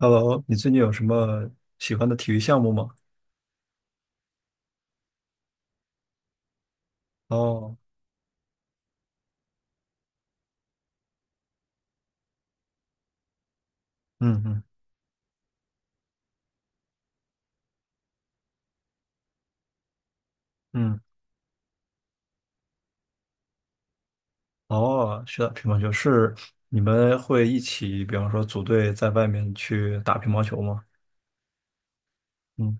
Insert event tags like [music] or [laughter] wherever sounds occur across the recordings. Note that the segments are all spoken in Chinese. Hello，你最近有什么喜欢的体育项目吗？哦，嗯嗯嗯，哦，学打乒乓球是你们会一起，比方说组队在外面去打乒乓球吗？嗯，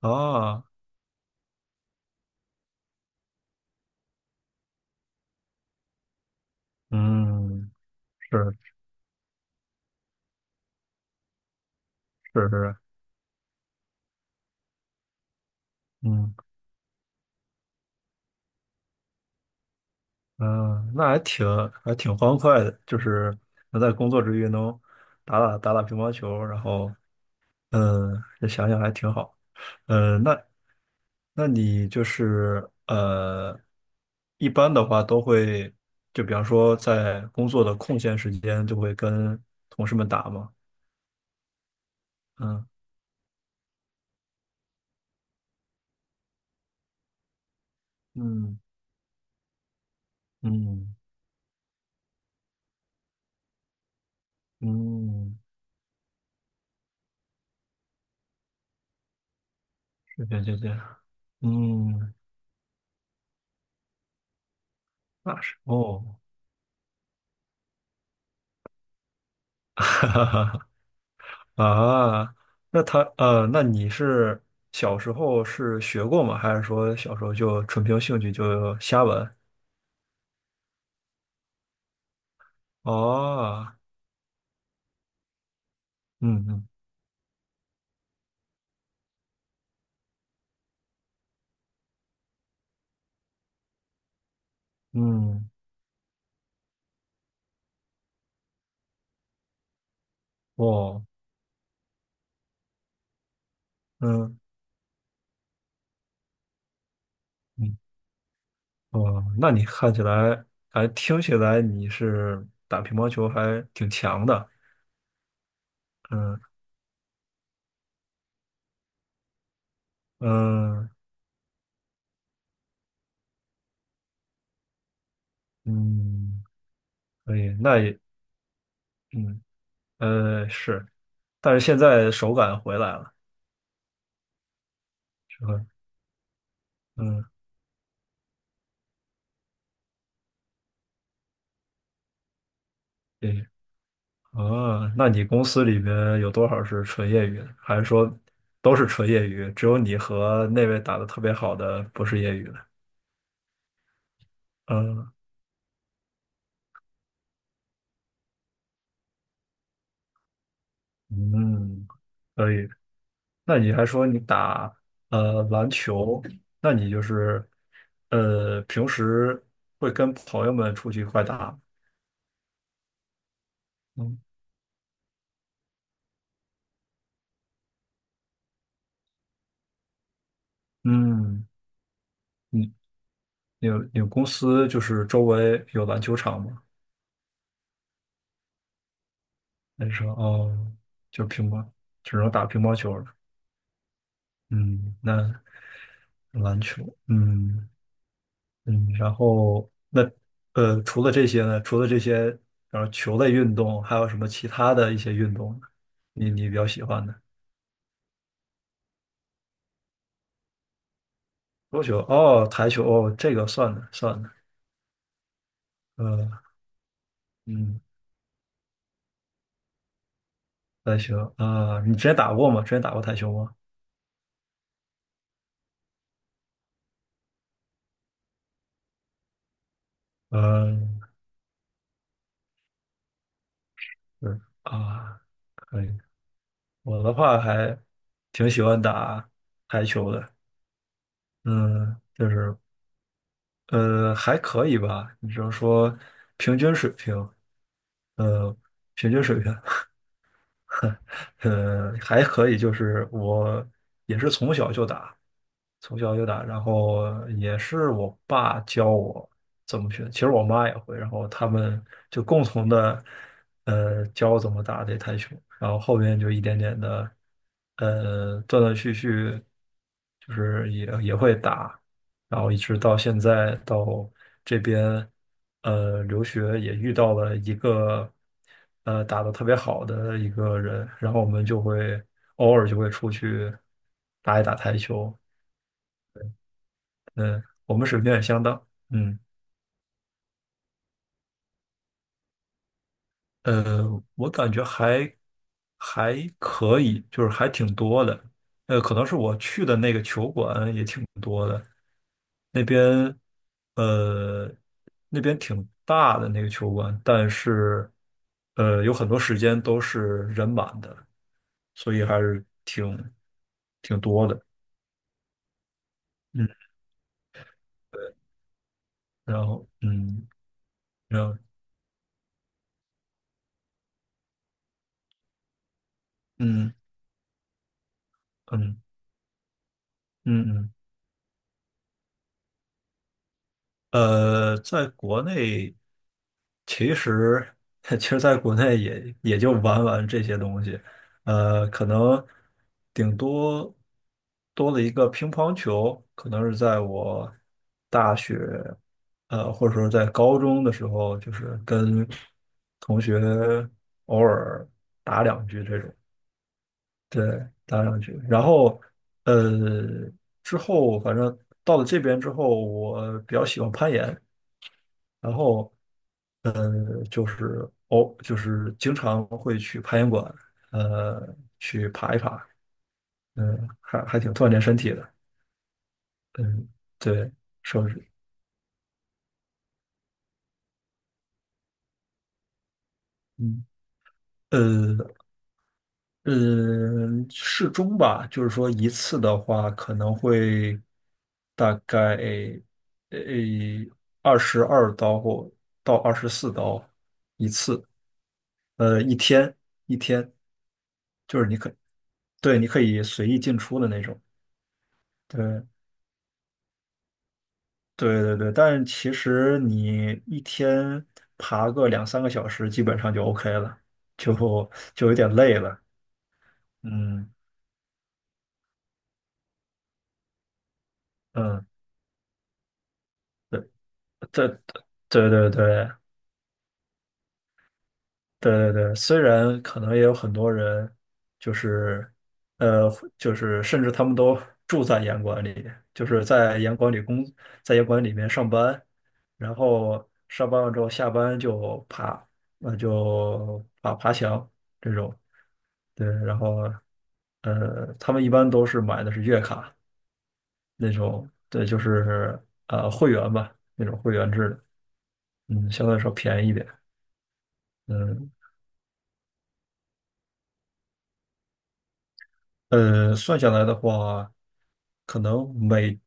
啊，嗯，是是是，嗯嗯，那还挺欢快的，就是能在工作之余能打打乒乓球，然后嗯，这想想还挺好。嗯，那你就是一般的话都会，就比方说在工作的空闲时间，就会跟同事们打嘛。嗯嗯嗯嗯，是这样是这样。嗯，那是哦，[laughs] 哈哈哈啊，那你是小时候是学过吗？还是说小时候就纯凭兴趣就瞎玩？哦，嗯嗯。嗯，哦，嗯，嗯，哦，那你看起来，还听起来你是打乒乓球还挺强的，嗯嗯嗯，可以，那也，嗯是，但是现在手感回来了，是吧？嗯，对，哦，那你公司里边有多少是纯业余的？还是说都是纯业余？只有你和那位打的特别好的不是业余的？嗯嗯。可以，那你还说你打篮球，那你就是平时会跟朋友们出去一块打？嗯嗯，你你有公司就是周围有篮球场吗？那时候哦，就乒乓，只能打乒乓球了。嗯，那篮球，嗯嗯，然后那除了这些呢？除了这些，然后球类运动，还有什么其他的一些运动，你比较喜欢的？桌球哦，台球哦，这个算的算的，呃，嗯，台球啊，你之前打过吗？之前打过台球吗？嗯，是啊，可以。我的话还挺喜欢打台球的，嗯，就是还可以吧，你只能说平均水平，呃，平均水平。还可以，就是我也是从小就打，从小就打，然后也是我爸教我怎么学，其实我妈也会，然后他们就共同的教我怎么打这台球，然后后面就一点点的断断续续，就是也会打，然后一直到现在到这边，留学也遇到了一个，打得特别好的一个人，然后我们就会偶尔就会出去打一打台球，嗯，我们水平也相当，嗯。我感觉还可以，就是还挺多的。可能是我去的那个球馆也挺多的，那边呃那边挺大的那个球馆，但是有很多时间都是人满的，所以还是挺多的。嗯，然后嗯，然后嗯嗯嗯嗯嗯。在国内，其实 [laughs] 其实在国内也就玩玩这些东西，可能顶多多了一个乒乓球，可能是在我大学，或者说在高中的时候，就是跟同学偶尔打两局这种，对，打两局，然后呃，之后反正到了这边之后，我比较喜欢攀岩。然后就是经常会去攀岩馆，去爬一爬，嗯，还挺锻炼身体的，嗯，对，说是，嗯，呃，嗯，适中吧，就是说一次的话可能会大概呃22刀或到24刀一次，一天一天，就是你可，对，你可以随意进出的那种，对。对对对，但其实你一天爬个两三个小时，基本上就 OK 了，就就有点累了。嗯嗯，对对对对对，对对对，虽然可能也有很多人，就是，呃，就是甚至他们都住在严管里，就是在严管里工，在严管里面上班，然后上班了之后下班就爬，那就爬爬墙这种，对，然后，他们一般都是买的是月卡那种，对，就是会员吧，那种会员制的，嗯，相对来说便宜一点，嗯。算下来的话，可能每，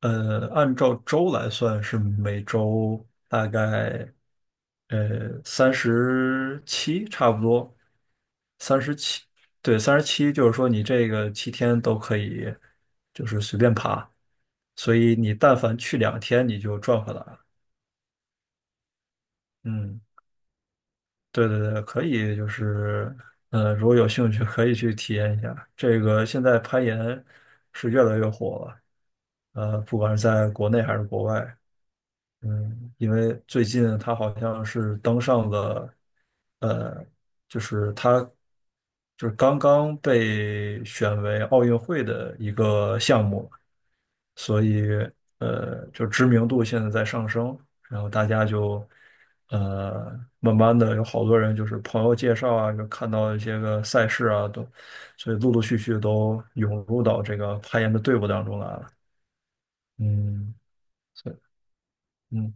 呃，按照周来算是每周大概，三十七差不多，三十七，对，三十七，就是说你这个7天都可以，就是随便爬，所以你但凡去2天，你就赚回来了。嗯。对对对，可以，就是，如果有兴趣，可以去体验一下。这个现在攀岩是越来越火了，不管是在国内还是国外，嗯，因为最近他好像是登上了，呃，就是他就是刚刚被选为奥运会的一个项目，所以就知名度现在在上升，然后大家就呃，慢慢的有好多人就是朋友介绍啊，就看到一些个赛事啊，所以陆陆续续都涌入到这个攀岩的队伍当中来了。嗯，所以嗯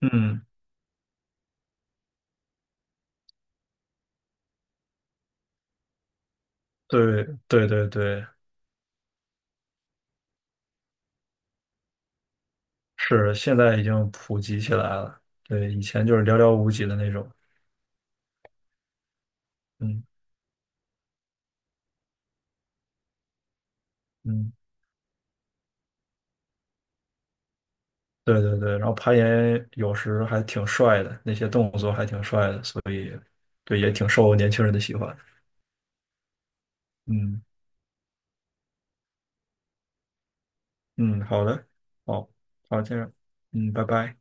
嗯。对对对对，是现在已经普及起来了。对，以前就是寥寥无几的那种。嗯嗯，对对对。然后攀岩有时还挺帅的，那些动作还挺帅的，所以对也挺受年轻人的喜欢。嗯嗯，好的，好，好，这样，嗯，拜拜。